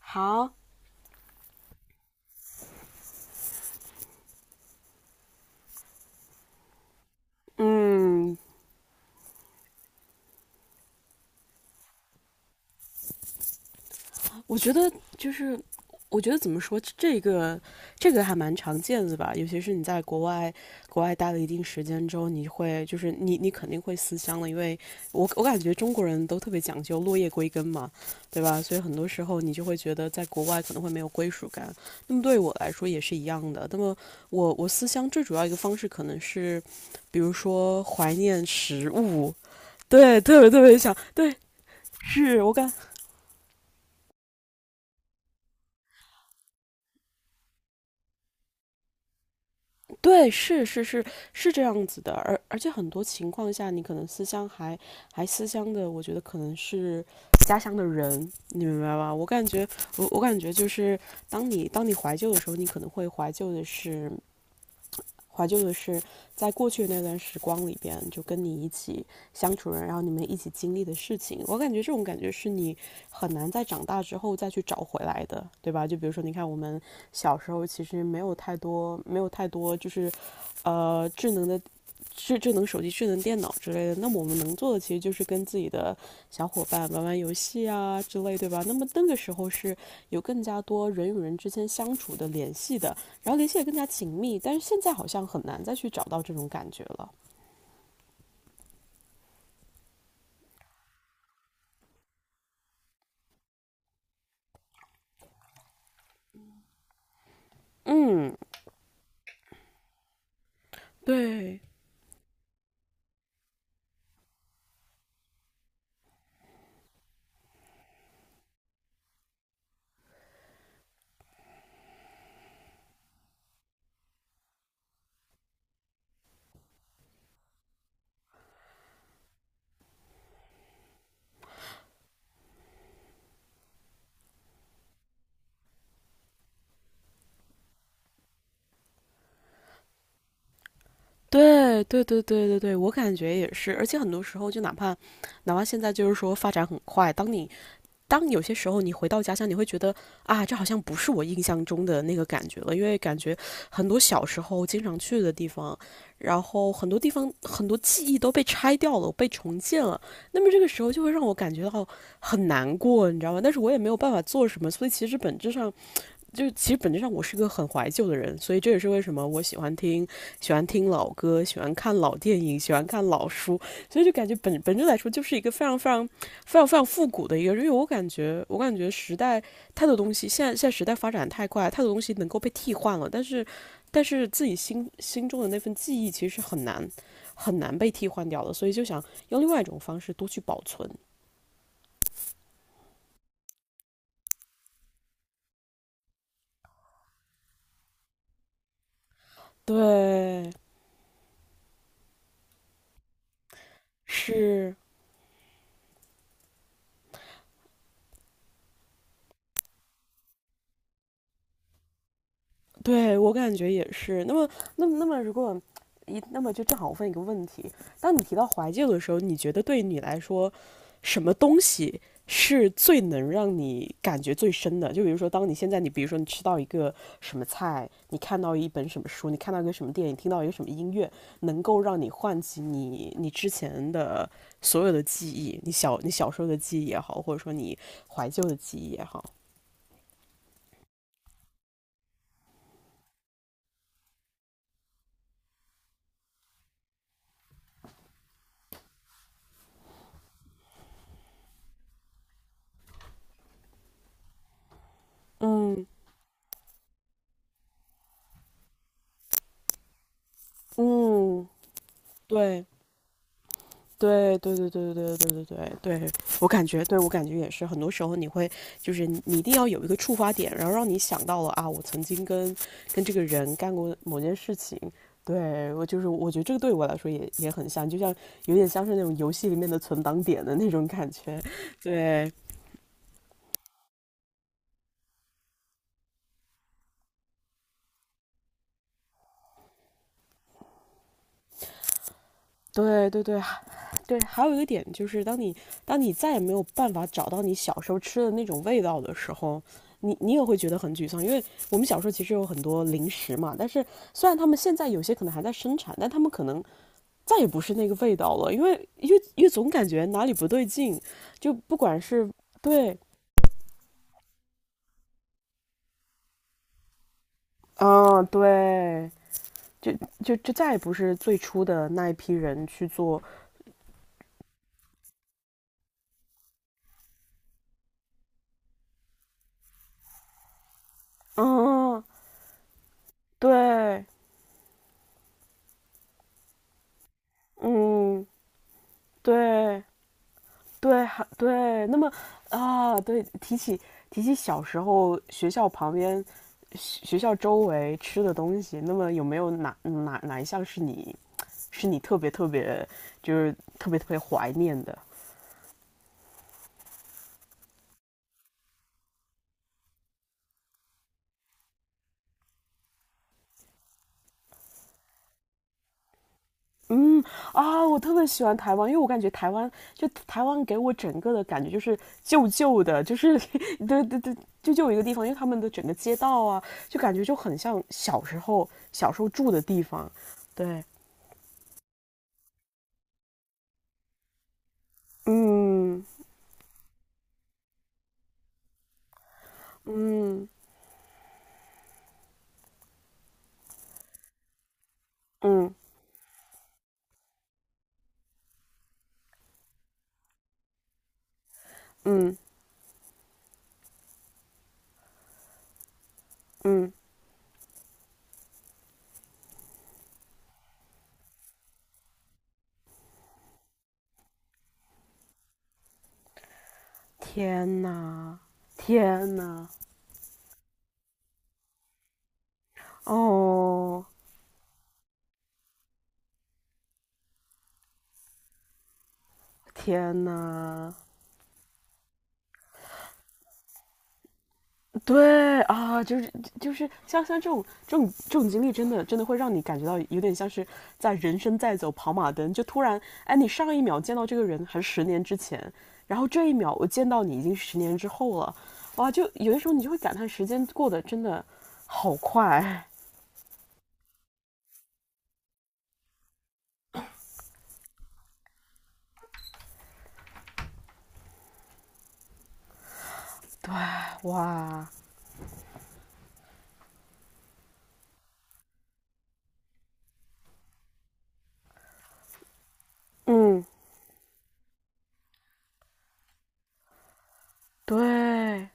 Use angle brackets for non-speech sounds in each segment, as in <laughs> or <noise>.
好，嗯，我觉得就是，我觉得怎么说，这个还蛮常见的吧，尤其是你在国外待了一定时间之后，你会就是你你肯定会思乡了，因为我感觉中国人都特别讲究落叶归根嘛，对吧？所以很多时候你就会觉得在国外可能会没有归属感。那么对我来说也是一样的。那么我思乡最主要一个方式可能是，比如说怀念食物，对，特别特别想，对，是我感。对，是是这样子的，而且很多情况下，你可能思乡还思乡的，我觉得可能是家乡的人，你明白吧？我感觉，我感觉就是，当你怀旧的时候，你可能会怀旧的是在过去那段时光里边，就跟你一起相处人，然后你们一起经历的事情。我感觉这种感觉是你很难在长大之后再去找回来的，对吧？就比如说，你看我们小时候其实没有太多，没有太多，智能的。智能手机、智能电脑之类的，那么我们能做的其实就是跟自己的小伙伴玩玩游戏啊之类，对吧？那么那个时候是有更加多人与人之间相处的联系的，然后联系也更加紧密。但是现在好像很难再去找到这种感觉了。嗯，对对对对对对对，我感觉也是，而且很多时候就哪怕现在就是说发展很快，当有些时候你回到家乡，你会觉得啊，这好像不是我印象中的那个感觉了，因为感觉很多小时候经常去的地方，然后很多地方很多记忆都被拆掉了，被重建了，那么这个时候就会让我感觉到很难过，你知道吗？但是我也没有办法做什么，所以其实本质上。就是其实本质上我是个很怀旧的人，所以这也是为什么我喜欢听老歌，喜欢看老电影，喜欢看老书，所以就感觉本质来说就是一个非常非常非常非常复古的一个，因为我感觉时代太多东西，现在时代发展太快，太多东西能够被替换了，但是自己心中的那份记忆其实是很难很难被替换掉的，所以就想用另外一种方式多去保存。对，是。对我感觉也是。那么，如果那么就正好我问一个问题：当你提到怀旧的时候，你觉得对你来说，什么东西是最能让你感觉最深的？就比如说，当你现在你比如说你吃到一个什么菜，你看到一本什么书，你看到一个什么电影，听到一个什么音乐，能够让你唤起你之前的所有的记忆，你小时候的记忆也好，或者说你怀旧的记忆也好。嗯嗯，对，对对对对对对对对对对，我感觉，对我感觉也是，很多时候你会就是你你一定要有一个触发点，然后让你想到了啊，我曾经跟这个人干过某件事情。对我就是，我觉得这个对我来说也也很像，就像有点像是那种游戏里面的存档点的那种感觉。对对对对，对，还有一个点就是，当你再也没有办法找到你小时候吃的那种味道的时候，你你也会觉得很沮丧，因为我们小时候其实有很多零食嘛，但是虽然他们现在有些可能还在生产，但他们可能再也不是那个味道了，因为总感觉哪里不对劲，就不管是对，啊对，就就再也不是最初的那一批人去做，嗯，对，嗯，对。对，还对，那么啊，对，提起小时候学校旁边、学校周围吃的东西，那么有没有哪一项是你特别特别特别特别怀念的啊？我特别喜欢台湾，因为我感觉台湾给我整个的感觉就是旧旧的，就是 <laughs> 对对对，就有一个地方，因为他们的整个街道啊，就感觉就很像小时候住的地方，对，嗯嗯。嗯嗯嗯，天呐，天呐，哦，天呐，对啊，就是就是像这种这种这种经历，真的真的会让你感觉到有点像是在人生在走跑马灯，就突然，哎，你上一秒见到这个人还是十年之前，然后这一秒我见到你已经是十年之后了，哇，就有的时候你就会感叹时间过得真的好快，哇，嗯，对，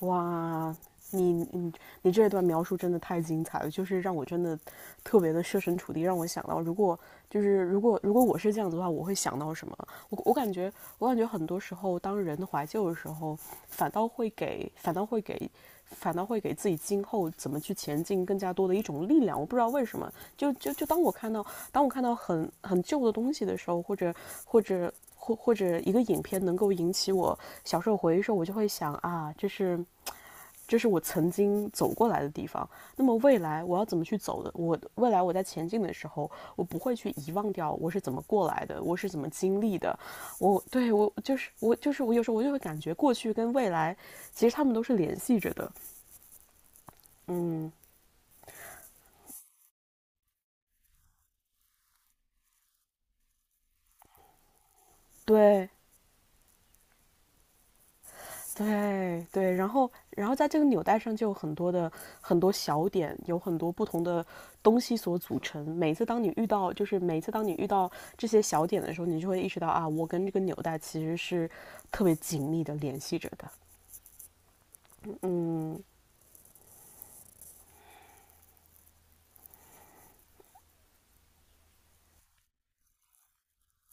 哇，你你你这一段描述真的太精彩了，就是让我真的特别的设身处地，让我想到，如果如果如果我是这样子的话，我会想到什么？我感觉我感觉很多时候，当人怀旧的时候，反倒会给反倒会给反倒会给自己今后怎么去前进更加多的一种力量。我不知道为什么，就当我看到很很旧的东西的时候，或者或者一个影片能够引起我小时候回忆的时候，我就会想啊，这是我曾经走过来的地方。那么未来我要怎么去走的？我未来我在前进的时候，我不会去遗忘掉我是怎么过来的，我是怎么经历的。我就是我有时候我就会感觉过去跟未来其实他们都是联系着的。嗯，对。对对，然后在这个纽带上就有很多小点，有很多不同的东西所组成。每次当你遇到，就是每次当你遇到这些小点的时候，你就会意识到啊，我跟这个纽带其实是特别紧密的联系着的。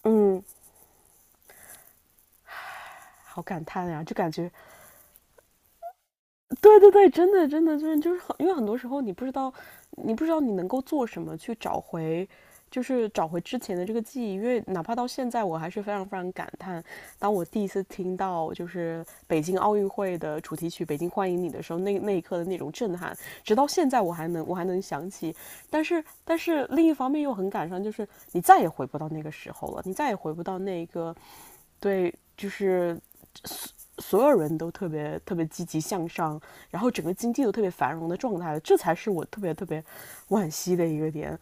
嗯，好感叹呀、就感觉对对对，真的真的真的就是很，因为很多时候你不知道，你不知道你能够做什么去找回，就是找回之前的这个记忆。因为哪怕到现在，我还是非常非常感叹，当我第一次听到就是北京奥运会的主题曲《北京欢迎你》的时候，那一刻的那种震撼，直到现在我还能想起。但是另一方面又很感伤，就是你再也回不到那个时候了，你再也回不到那个对，就是所有人都特别特别积极向上，然后整个经济都特别繁荣的状态，这才是我特别特别惋惜的一个点。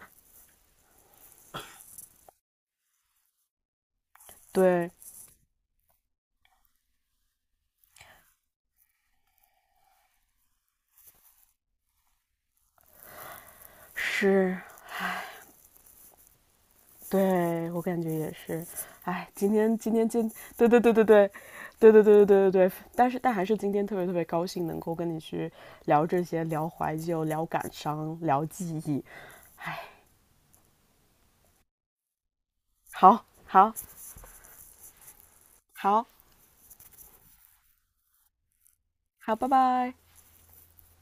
对，是，对我感觉也是。哎，今天今天今，对对对对对，对对对对对对对。但还是今天特别特别高兴能够跟你去聊这些，聊怀旧，聊感伤，聊记忆。哎，好，好，好，好，拜拜。